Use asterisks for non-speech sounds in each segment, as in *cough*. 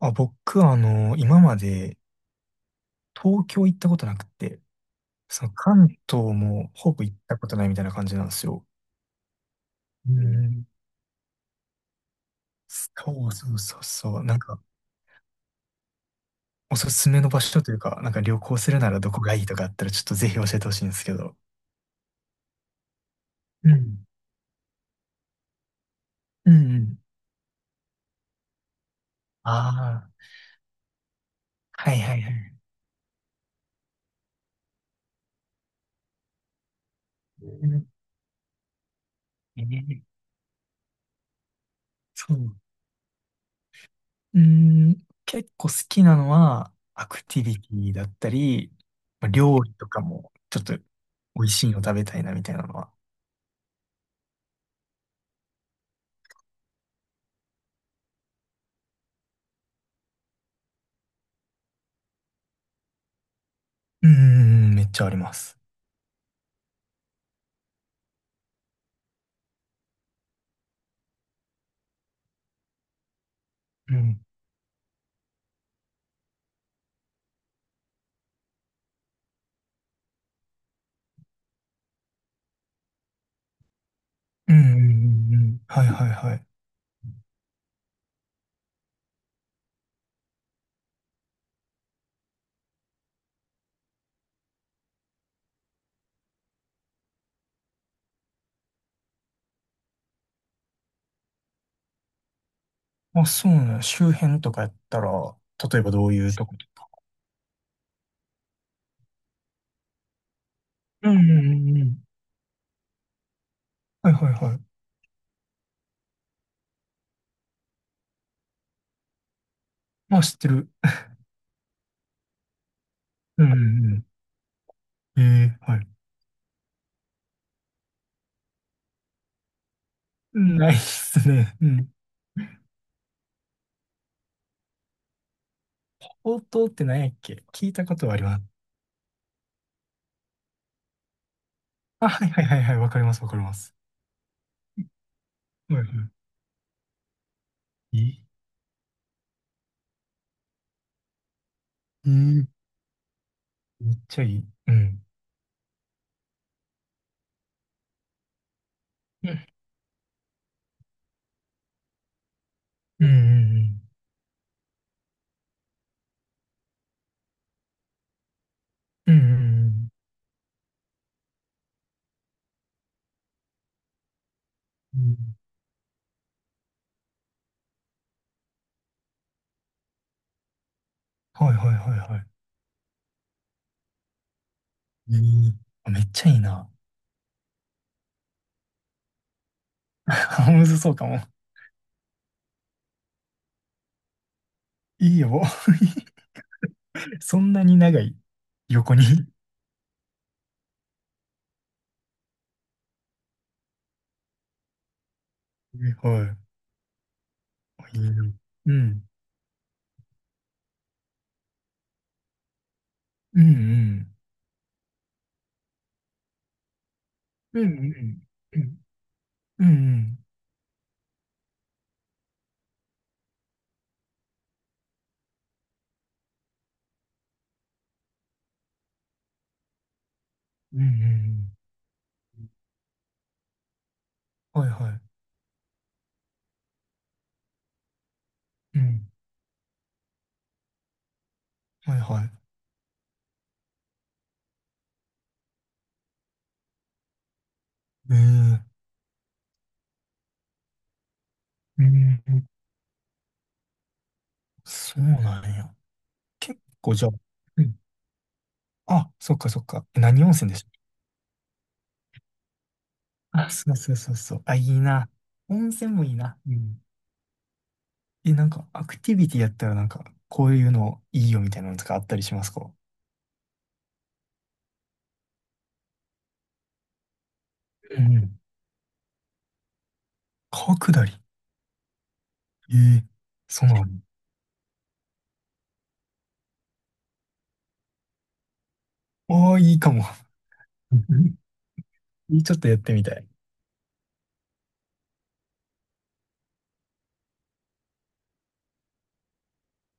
あ、僕は今まで東京行ったことなくて、その関東もほぼ行ったことないみたいな感じなんですよ。うん。そうそうそうそう。なんか、おすすめの場所というか、なんか旅行するならどこがいいとかあったらちょっとぜひ教えてほしいんですけど。うん。うんうん。ああ、はいはいはい。うんえーそう。うん、結構好きなのは、アクティビティだったり、まあ料理とかも、ちょっと美味しいの食べたいなみたいなのは、うんうんうん、めっちゃあります。うん。うんうんうんうん。はいはいはい。あ、そうなの。周辺とかやったら、例えばどういうとこ？うんうんうんうん。はいはいはい。まあ知ってる。うんうんうん。ええ、はい。ないっすね。うん。ほうって何やっけ？聞いたことはあります。あ、はいはいはいはい。わかりますわかります。はいはい。いい、いい、めっちゃいい。うん。うんうんうんうん。うんうんうんうん。はいはいはいはい。いい、あ、めっちゃいいな。*laughs* むずそうかも。いいよ。*laughs* そんなに長い？横に。*laughs* はい。いいよ。うん。うんうん。うんうんうん。うんうん。うん、はいはい。うん。はいはい。ええ。うん。そうなんや。結構じゃあ。うん。あ、そっかそっか。何温泉でした？あ、そうそうそうそう。あ、いいな。温泉もいいな。うん。え、なんか、アクティビティやったらなんか、こういうのいいよみたいなのとかあったりしますか？うん。川下り。ええ、そうなの。ああ、いいかも。*laughs* ちょっとやってみたい。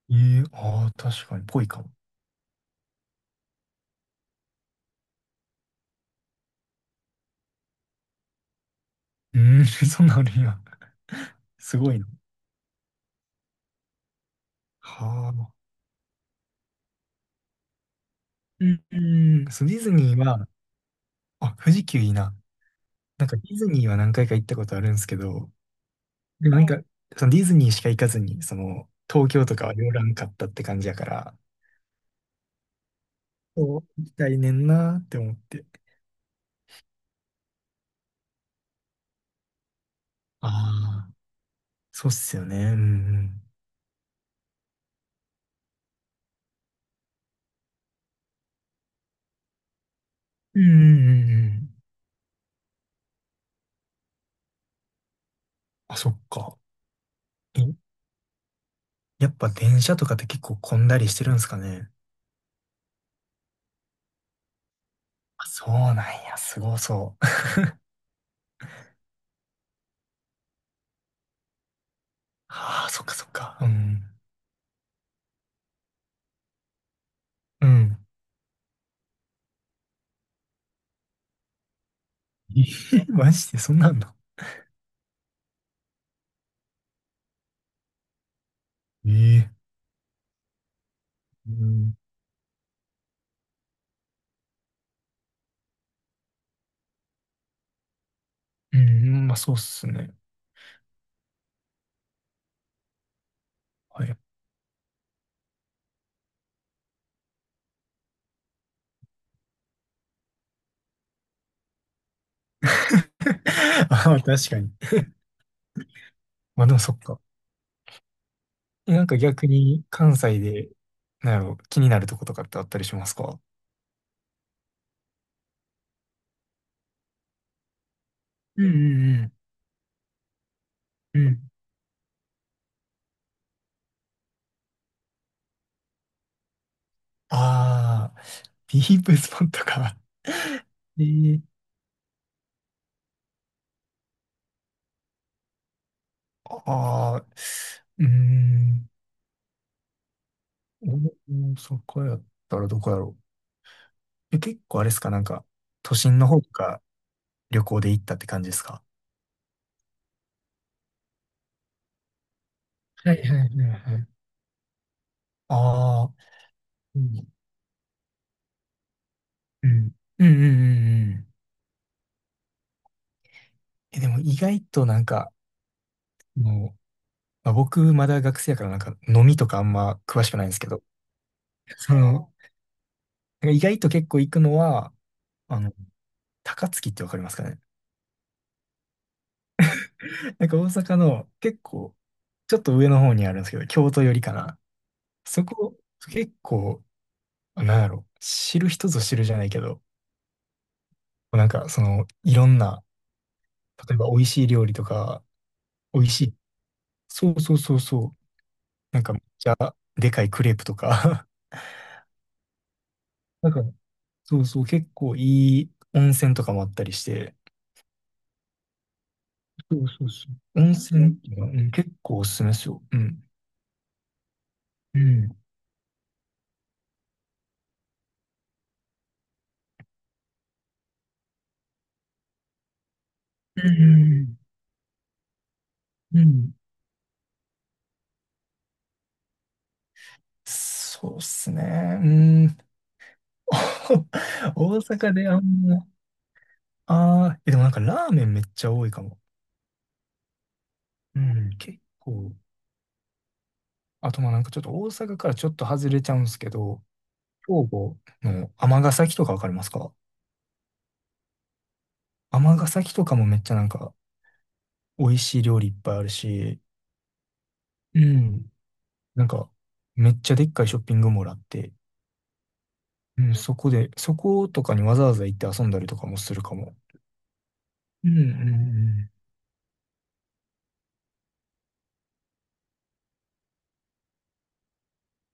ええ、ああ、確かに、ぽいかも。うーん、*laughs* そんなのあるんや。すごいな。はあ。うん、うんそう、ディズニーは、あ、富士急いいな。なんかディズニーは何回か行ったことあるんですけど、でもなんか、そのディズニーしか行かずに、東京とかは寄らんかったって感じやから、そう、行きたいねんなーって思って。ああ、そうっすよね。うんうん。うんうんうんうん。あ、そっか。え、やっぱ電車とかって結構混んだりしてるんですかね。あ、そうなんや、すごそう。*laughs* ああ、そっかそっか。うん。うん。えー、 *laughs* マジでそんなんの？ええ、うん。うん、まあそうっすね。はい。*laughs* ああ、確かに。まあでもそっか。え、なんか逆に関西で、なんやろ、気になるとことかってあったりしますか？うんうんうん。うん。ああ、ディープスポットか。*laughs* ええ、ああ、うーん。お阪そこやったらどこやろう。え、結構あれですか、なんか、都心の方とか旅行で行ったって感じですか？はいはいはいはい。ああー、うん、ー、うん。うんうんうんうん。え、でも意外となんか、もう、まあ、僕まだ学生やからなんか飲みとかあんま詳しくないんですけど、その、なんか意外と結構行くのは、あの、高槻ってわかりますかね。*laughs* なんか大阪の結構、ちょっと上の方にあるんですけど、京都寄りかな。そこ、結構、なんだろう、知る人ぞ知るじゃないけど、なんかその、いろんな、例えば美味しい料理とか、美味しい、そうそうそうそう、なんかでかいクレープとか、*laughs* なんか、そうそう、結構いい温泉とかもあったりして、そうそうそう。温泉っていうのは、うん、結構おすすめですよ。うん。うん。うん。うん。そうっすね。うん。*laughs* 大阪であんま、ああ、え、でもなんかラーメンめっちゃ多いかも。うん。結構、あとまあなんかちょっと大阪からちょっと外れちゃうんですけど、兵庫の尼崎とかわかりますか？尼崎とかもめっちゃなんか美味しい料理いっぱいあるし、うん。なんかめっちゃでっかいショッピングモールあって、うん、そこで、そことかにわざわざ行って遊んだりとかもするかも。うんうん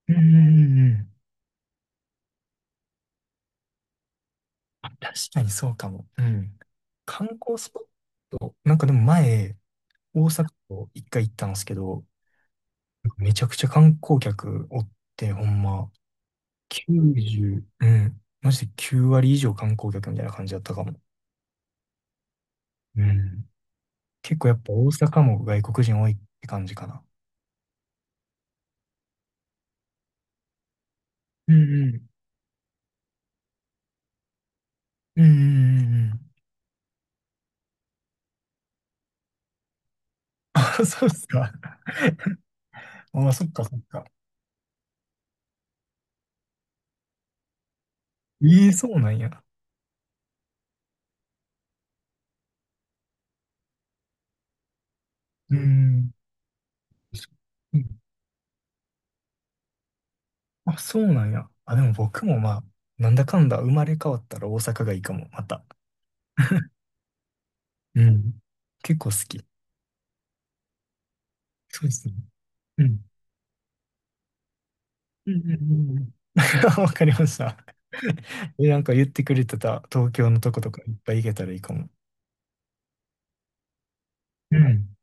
うん。うんうんうんうん。あ、確かにそうかも。うん。観光スポット、なんかでも前、大阪と一回行ったんですけど、めちゃくちゃ観光客おって、ほんま、90、うん。まして9割以上観光客みたいな感じだったかも。うん。結構やっぱ大阪も外国人多いって感じかな。うんうん。うんうんうんうん。*laughs* あ、そうっすか。あ、そっかそっか。ええ、そうなんや。うんん。うん、あ、そうなんや。あ、でも僕もまあ、なんだかんだ生まれ変わったら大阪がいいかも、また。*laughs* うん。*laughs* 結構好き。そうですね。うん。うんうんうんうん。*laughs* わかりました。え、なんか言ってくれてた東京のとことかいっぱい行けたらいいかも。うん